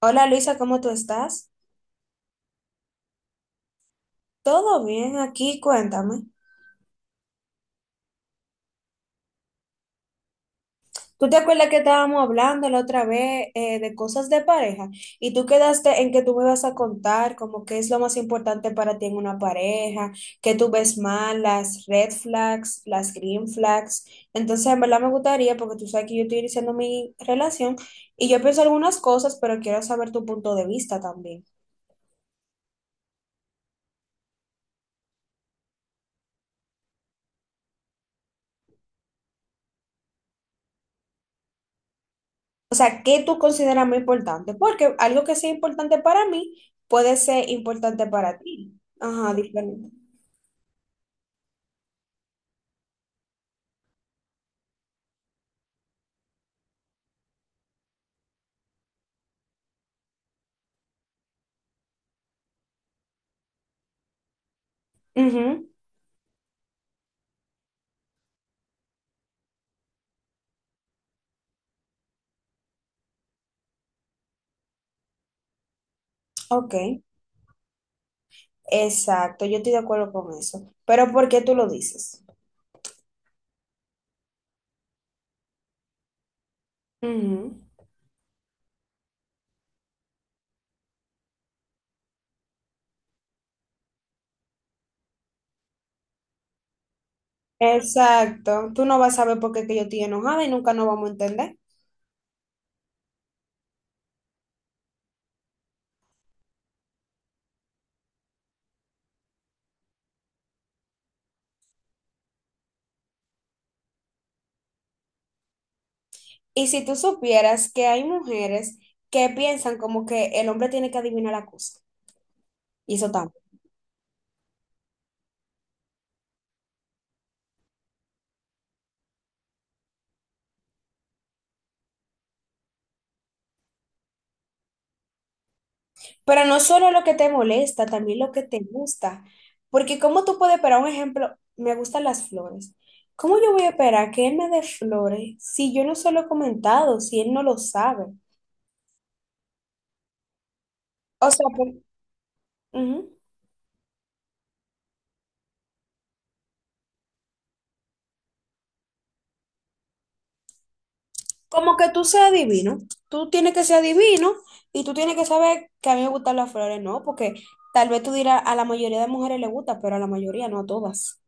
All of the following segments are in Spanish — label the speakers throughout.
Speaker 1: Hola Luisa, ¿cómo tú estás? Todo bien aquí, cuéntame. ¿Tú te acuerdas que estábamos hablando la otra vez de cosas de pareja? Y tú quedaste en que tú me vas a contar como qué es lo más importante para ti en una pareja, qué tú ves mal, las red flags, las green flags. Entonces, en verdad me gustaría, porque tú sabes que yo estoy iniciando mi relación y yo pienso algunas cosas, pero quiero saber tu punto de vista también. O sea, ¿qué tú consideras muy importante? Porque algo que sea importante para mí puede ser importante para ti. Ajá, diferente. Ujú. Ok, exacto, yo estoy de acuerdo con eso. Pero ¿por qué tú lo dices? Ujú. Exacto, tú no vas a saber por qué que yo estoy enojada y nunca nos vamos a entender. Y si tú supieras que hay mujeres que piensan como que el hombre tiene que adivinar la cosa, y eso está. Pero no solo lo que te molesta, también lo que te gusta. Porque cómo tú puedes esperar, un ejemplo, me gustan las flores. ¿Cómo yo voy a esperar que él me dé flores si yo no se lo he comentado, si él no lo sabe? O sea, pues, ujú. Como que tú seas divino. Tú tienes que ser divino y tú tienes que saber que a mí me gustan las flores, ¿no? Porque tal vez tú dirás, a la mayoría de mujeres le gusta, pero a la mayoría, no a todas.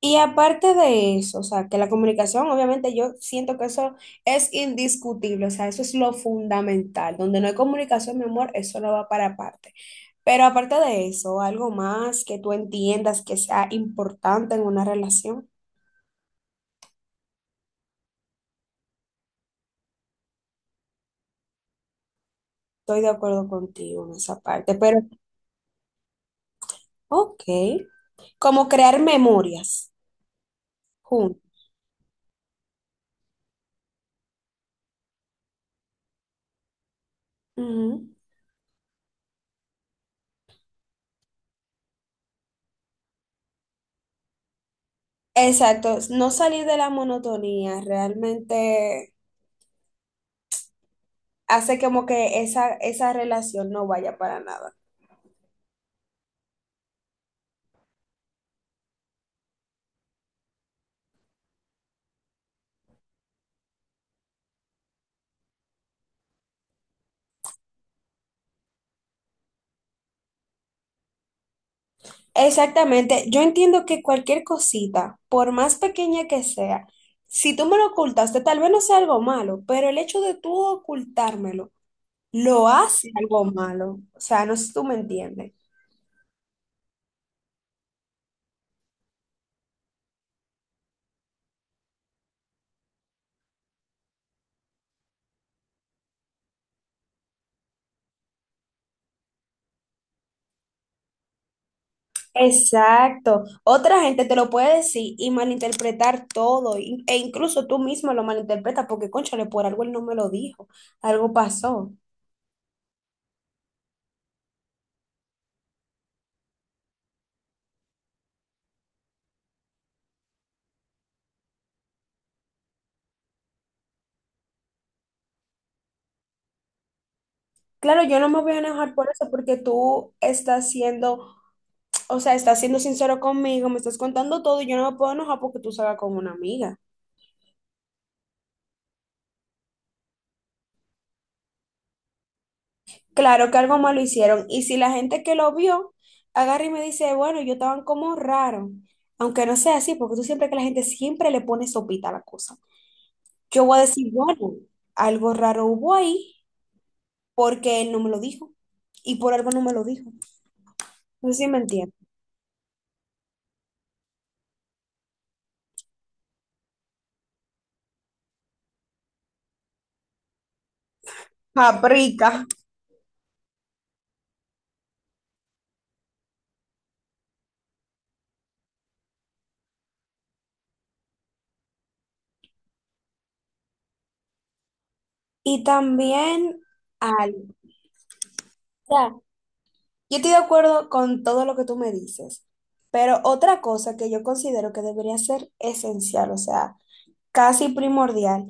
Speaker 1: Y aparte de eso, o sea, que la comunicación, obviamente yo siento que eso es indiscutible, o sea, eso es lo fundamental. Donde no hay comunicación, mi amor, eso no va para aparte. Pero aparte de eso, algo más que tú entiendas que sea importante en una relación, estoy de acuerdo contigo en esa parte. Pero, ok, como crear memorias juntos. Ujú. Exacto, no salir de la monotonía realmente hace como que esa relación no vaya para nada. Exactamente, yo entiendo que cualquier cosita, por más pequeña que sea, si tú me lo ocultaste, tal vez no sea algo malo, pero el hecho de tú ocultármelo lo hace algo malo. O sea, no sé si tú me entiendes. Exacto. Otra gente te lo puede decir y malinterpretar todo, e incluso tú mismo lo malinterpretas porque, cónchale, por algo él no me lo dijo, algo pasó. Claro, yo no me voy a enojar por eso porque tú estás siendo. O sea, estás siendo sincero conmigo, me estás contando todo y yo no me puedo enojar porque tú salgas con una amiga. Claro que algo malo hicieron. Y si la gente que lo vio agarra y me dice, bueno, yo estaban como raro, aunque no sea así, porque tú siempre que la gente siempre le pone sopita a la cosa. Yo voy a decir, bueno, algo raro hubo ahí porque él no me lo dijo y por algo no me lo dijo. No sé si me entiendes. Paprika. Y también algo. Yo estoy de acuerdo con todo lo que tú me dices, pero otra cosa que yo considero que debería ser esencial, o sea, casi primordial,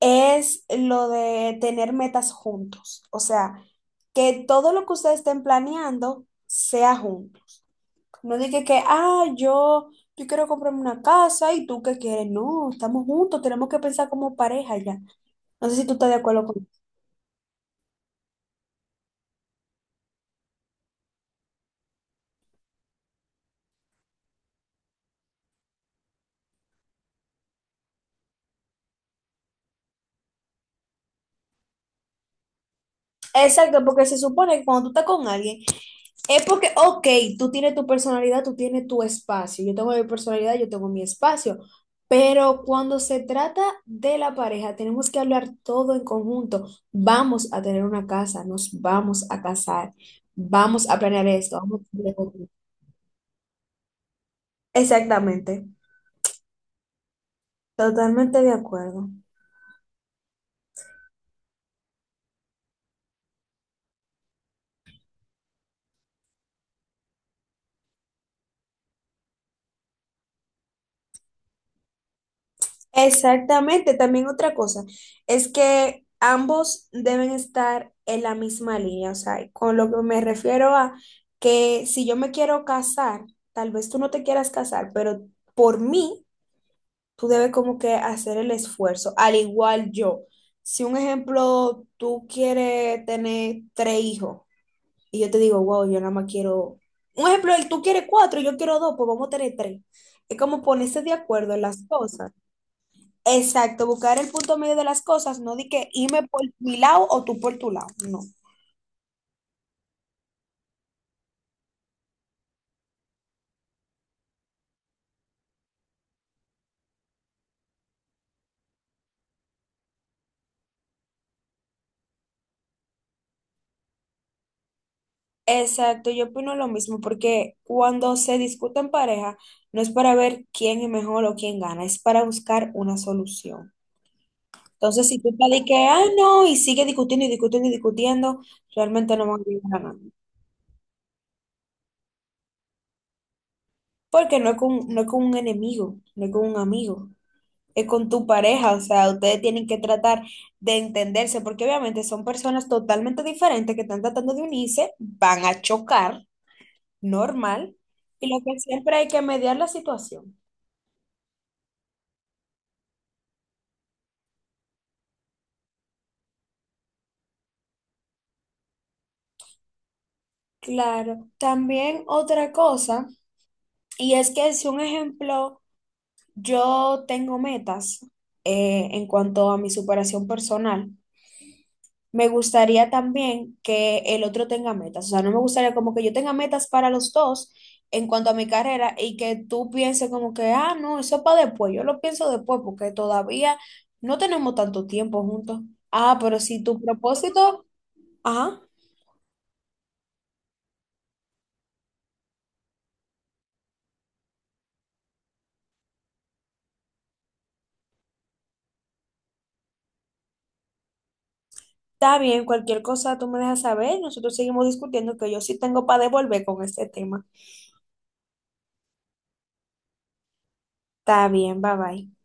Speaker 1: es lo de tener metas juntos. O sea, que todo lo que ustedes estén planeando sea junto. No diga que, ah, yo quiero comprarme una casa y tú qué quieres. No, estamos juntos, tenemos que pensar como pareja ya. No sé si tú estás de acuerdo con. Exacto, porque se supone que cuando tú estás con alguien, es porque, ok, tú tienes tu personalidad, tú tienes tu espacio. Yo tengo mi personalidad, yo tengo mi espacio. Pero cuando se trata de la pareja, tenemos que hablar todo en conjunto. Vamos a tener una casa, nos vamos a casar, vamos a planear esto, vamos a... Exactamente, totalmente de acuerdo. Exactamente, también otra cosa es que ambos deben estar en la misma línea, o sea, con lo que me refiero a que si yo me quiero casar, tal vez tú no te quieras casar, pero por mí tú debes como que hacer el esfuerzo, al igual yo. Si un ejemplo, tú quieres tener tres hijos y yo te digo, wow, yo nada más quiero, un ejemplo, tú quieres cuatro y yo quiero dos, pues vamos a tener tres. Es como ponerse de acuerdo en las cosas. Exacto, buscar el punto medio de las cosas, no di que irme por mi lado o tú por tu lado, no. Exacto, yo opino lo mismo, porque cuando se discute en pareja, no es para ver quién es mejor o quién gana, es para buscar una solución. Entonces, si tú estás de que, ah, no, y sigue discutiendo y discutiendo y discutiendo, realmente no van a ir ganando. Porque no es con un enemigo, no es con un amigo. Con tu pareja, o sea, ustedes tienen que tratar de entenderse, porque obviamente son personas totalmente diferentes que están tratando de unirse, van a chocar, normal, y lo que siempre hay que mediar la situación. Claro, también otra cosa, y es que si un ejemplo, yo tengo metas en cuanto a mi superación personal, me gustaría también que el otro tenga metas. O sea, no me gustaría como que yo tenga metas para los dos en cuanto a mi carrera y que tú pienses como que, ah, no, eso es para después. Yo lo pienso después porque todavía no tenemos tanto tiempo juntos. Ah, pero si tu propósito, ajá, está bien, cualquier cosa tú me dejas saber. Nosotros seguimos discutiendo que yo sí tengo para devolver con este tema. Está bien, bye bye.